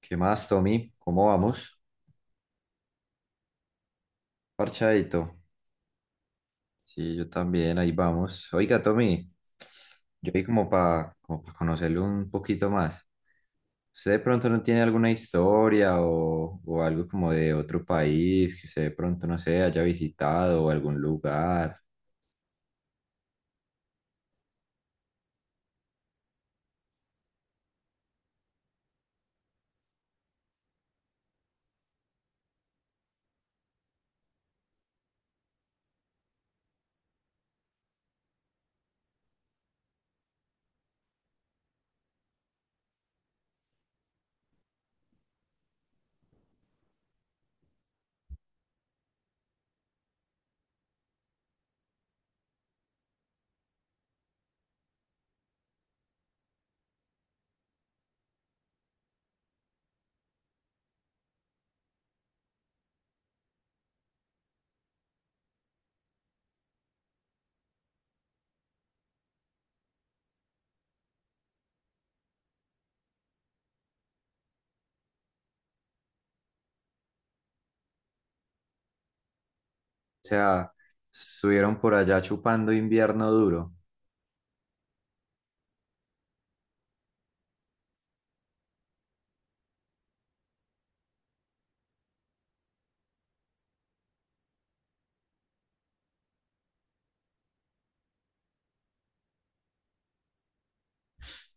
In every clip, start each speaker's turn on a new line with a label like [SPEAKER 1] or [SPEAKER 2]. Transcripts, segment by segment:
[SPEAKER 1] ¿Qué más, Tommy? ¿Cómo vamos? Parchadito. Sí, yo también, ahí vamos. Oiga, Tommy, yo ahí como para como pa conocerlo un poquito más. ¿Usted de pronto no tiene alguna historia o algo como de otro país que usted de pronto, no sé, haya visitado o algún lugar? O sea, estuvieron por allá chupando invierno duro.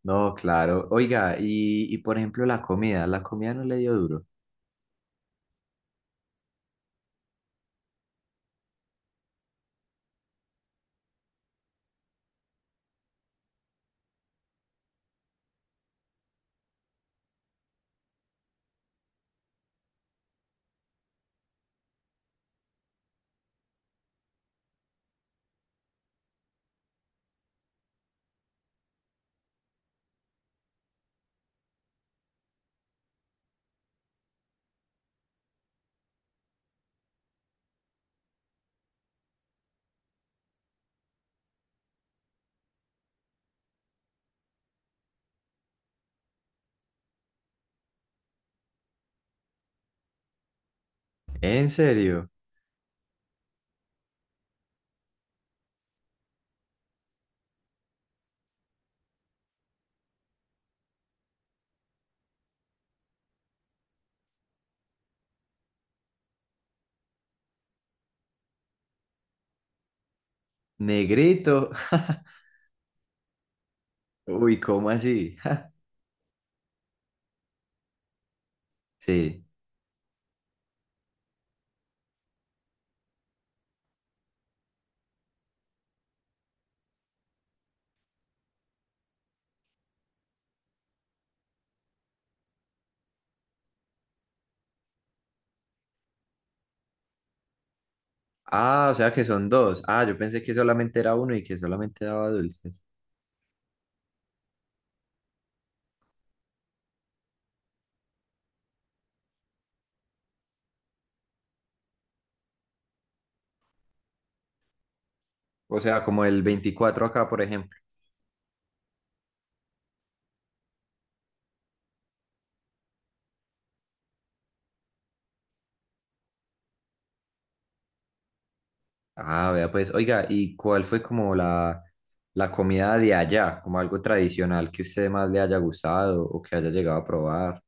[SPEAKER 1] No, claro. Oiga, y por ejemplo la comida no le dio duro. ¿En serio? Negrito. Uy, ¿cómo así? Sí. Ah, o sea que son dos. Ah, yo pensé que solamente era uno y que solamente daba dulces. O sea, como el 24 acá, por ejemplo. Ah, vea, pues, oiga, ¿y cuál fue como la comida de allá? Como algo tradicional que usted más le haya gustado o que haya llegado a probar.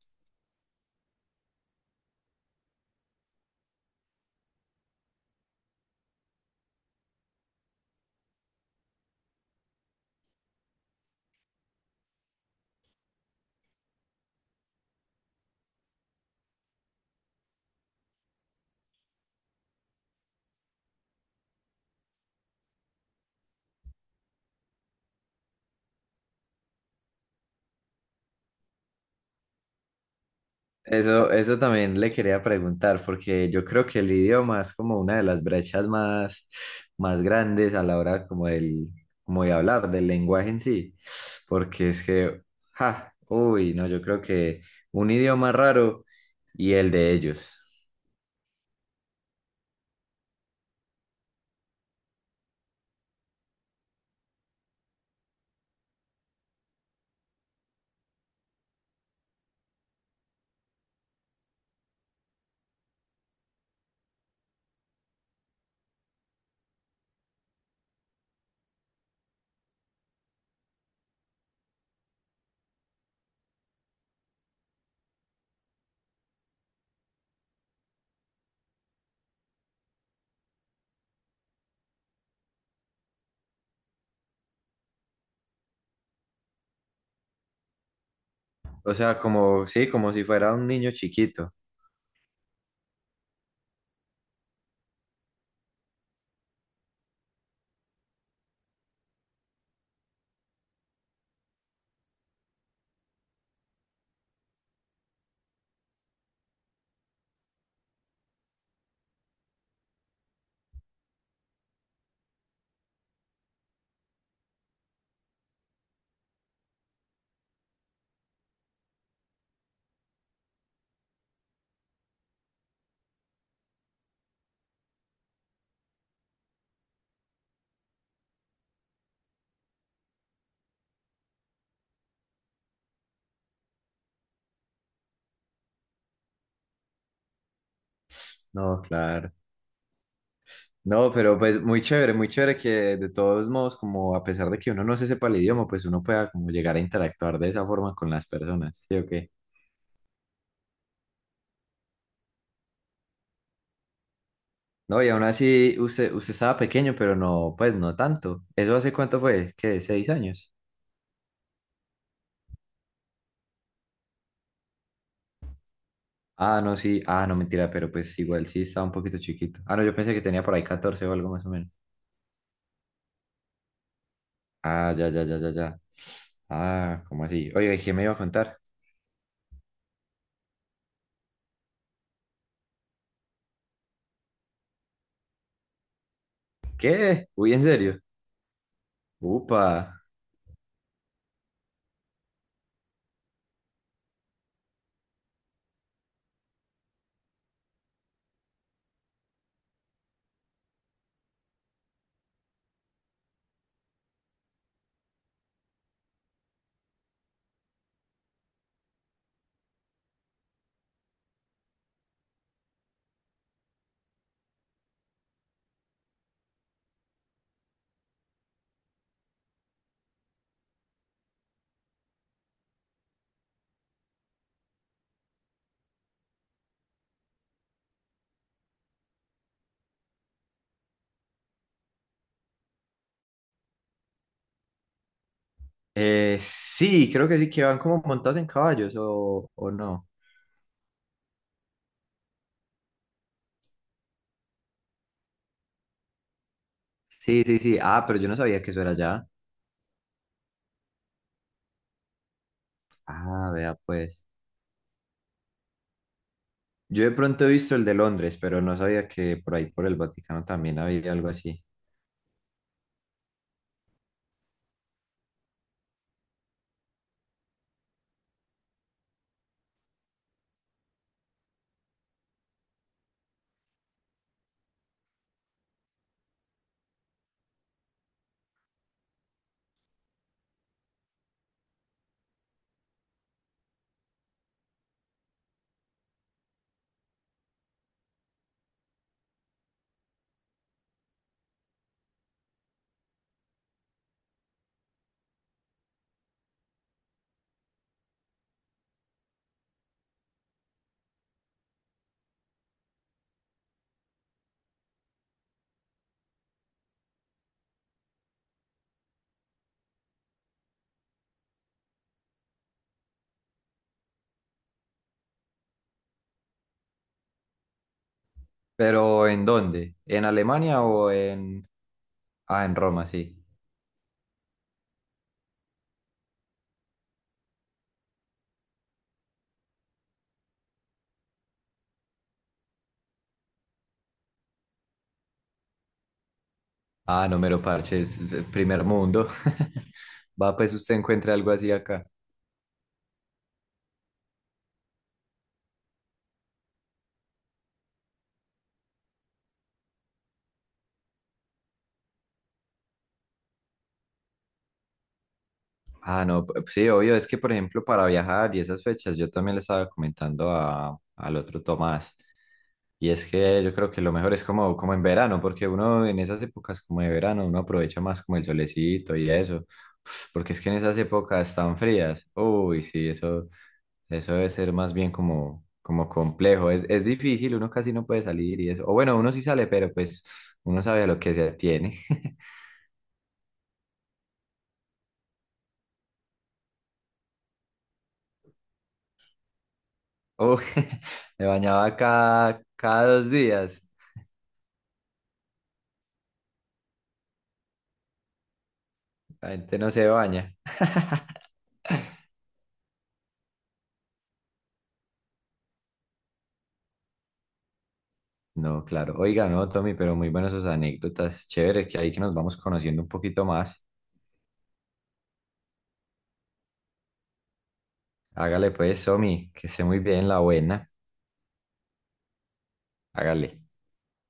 [SPEAKER 1] Eso también le quería preguntar, porque yo creo que el idioma es como una de las brechas más, más grandes a la hora como del, como de hablar, del lenguaje en sí, porque es que, ja, uy, no, yo creo que un idioma raro y el de ellos. O sea, como, sí, como si fuera un niño chiquito. No, claro. No, pero pues muy chévere que de todos modos, como a pesar de que uno no se sepa el idioma, pues uno pueda como llegar a interactuar de esa forma con las personas, ¿sí o qué? No, y aún así usted, usted estaba pequeño, pero no, pues no tanto. ¿Eso hace cuánto fue? ¿Qué? ¿6 años? Ah, no, sí. Ah, no, mentira, pero pues igual sí estaba un poquito chiquito. Ah, no, yo pensé que tenía por ahí 14 o algo más o menos. Ah, ya, ya, ya, ya, ya. Ah, ¿cómo así? Oye, ¿y qué me iba a contar? ¿Qué? Uy, ¿en serio? Upa. Sí, creo que sí, que van como montados en caballos o no. Sí, sí, sí. Ah, pero yo no sabía que eso era allá. Ah, vea, pues. Yo de pronto he visto el de Londres, pero no sabía que por ahí por el Vaticano también había algo así. ¿Pero en dónde? ¿En Alemania o en... Ah, en Roma, sí. Ah, no me lo parches, primer mundo. Va, pues usted encuentra algo así acá. Ah, no, p- sí, obvio, es que por ejemplo para viajar y esas fechas, yo también le estaba comentando a, al otro Tomás. Y es que yo creo que lo mejor es como, como en verano, porque uno en esas épocas como de verano, uno aprovecha más como el solecito y eso, porque es que en esas épocas tan frías, uy, sí, eso debe ser más bien como, como complejo, es difícil, uno casi no puede salir y eso, o bueno, uno sí sale, pero pues uno sabe a lo que se atiene. Uy, me bañaba cada 2 días, la gente no se baña. No, claro. Oiga, no, Tommy, pero muy buenas sus anécdotas. Chévere que ahí que nos vamos conociendo un poquito más. Hágale pues, Somi, que esté muy bien la buena. Hágale.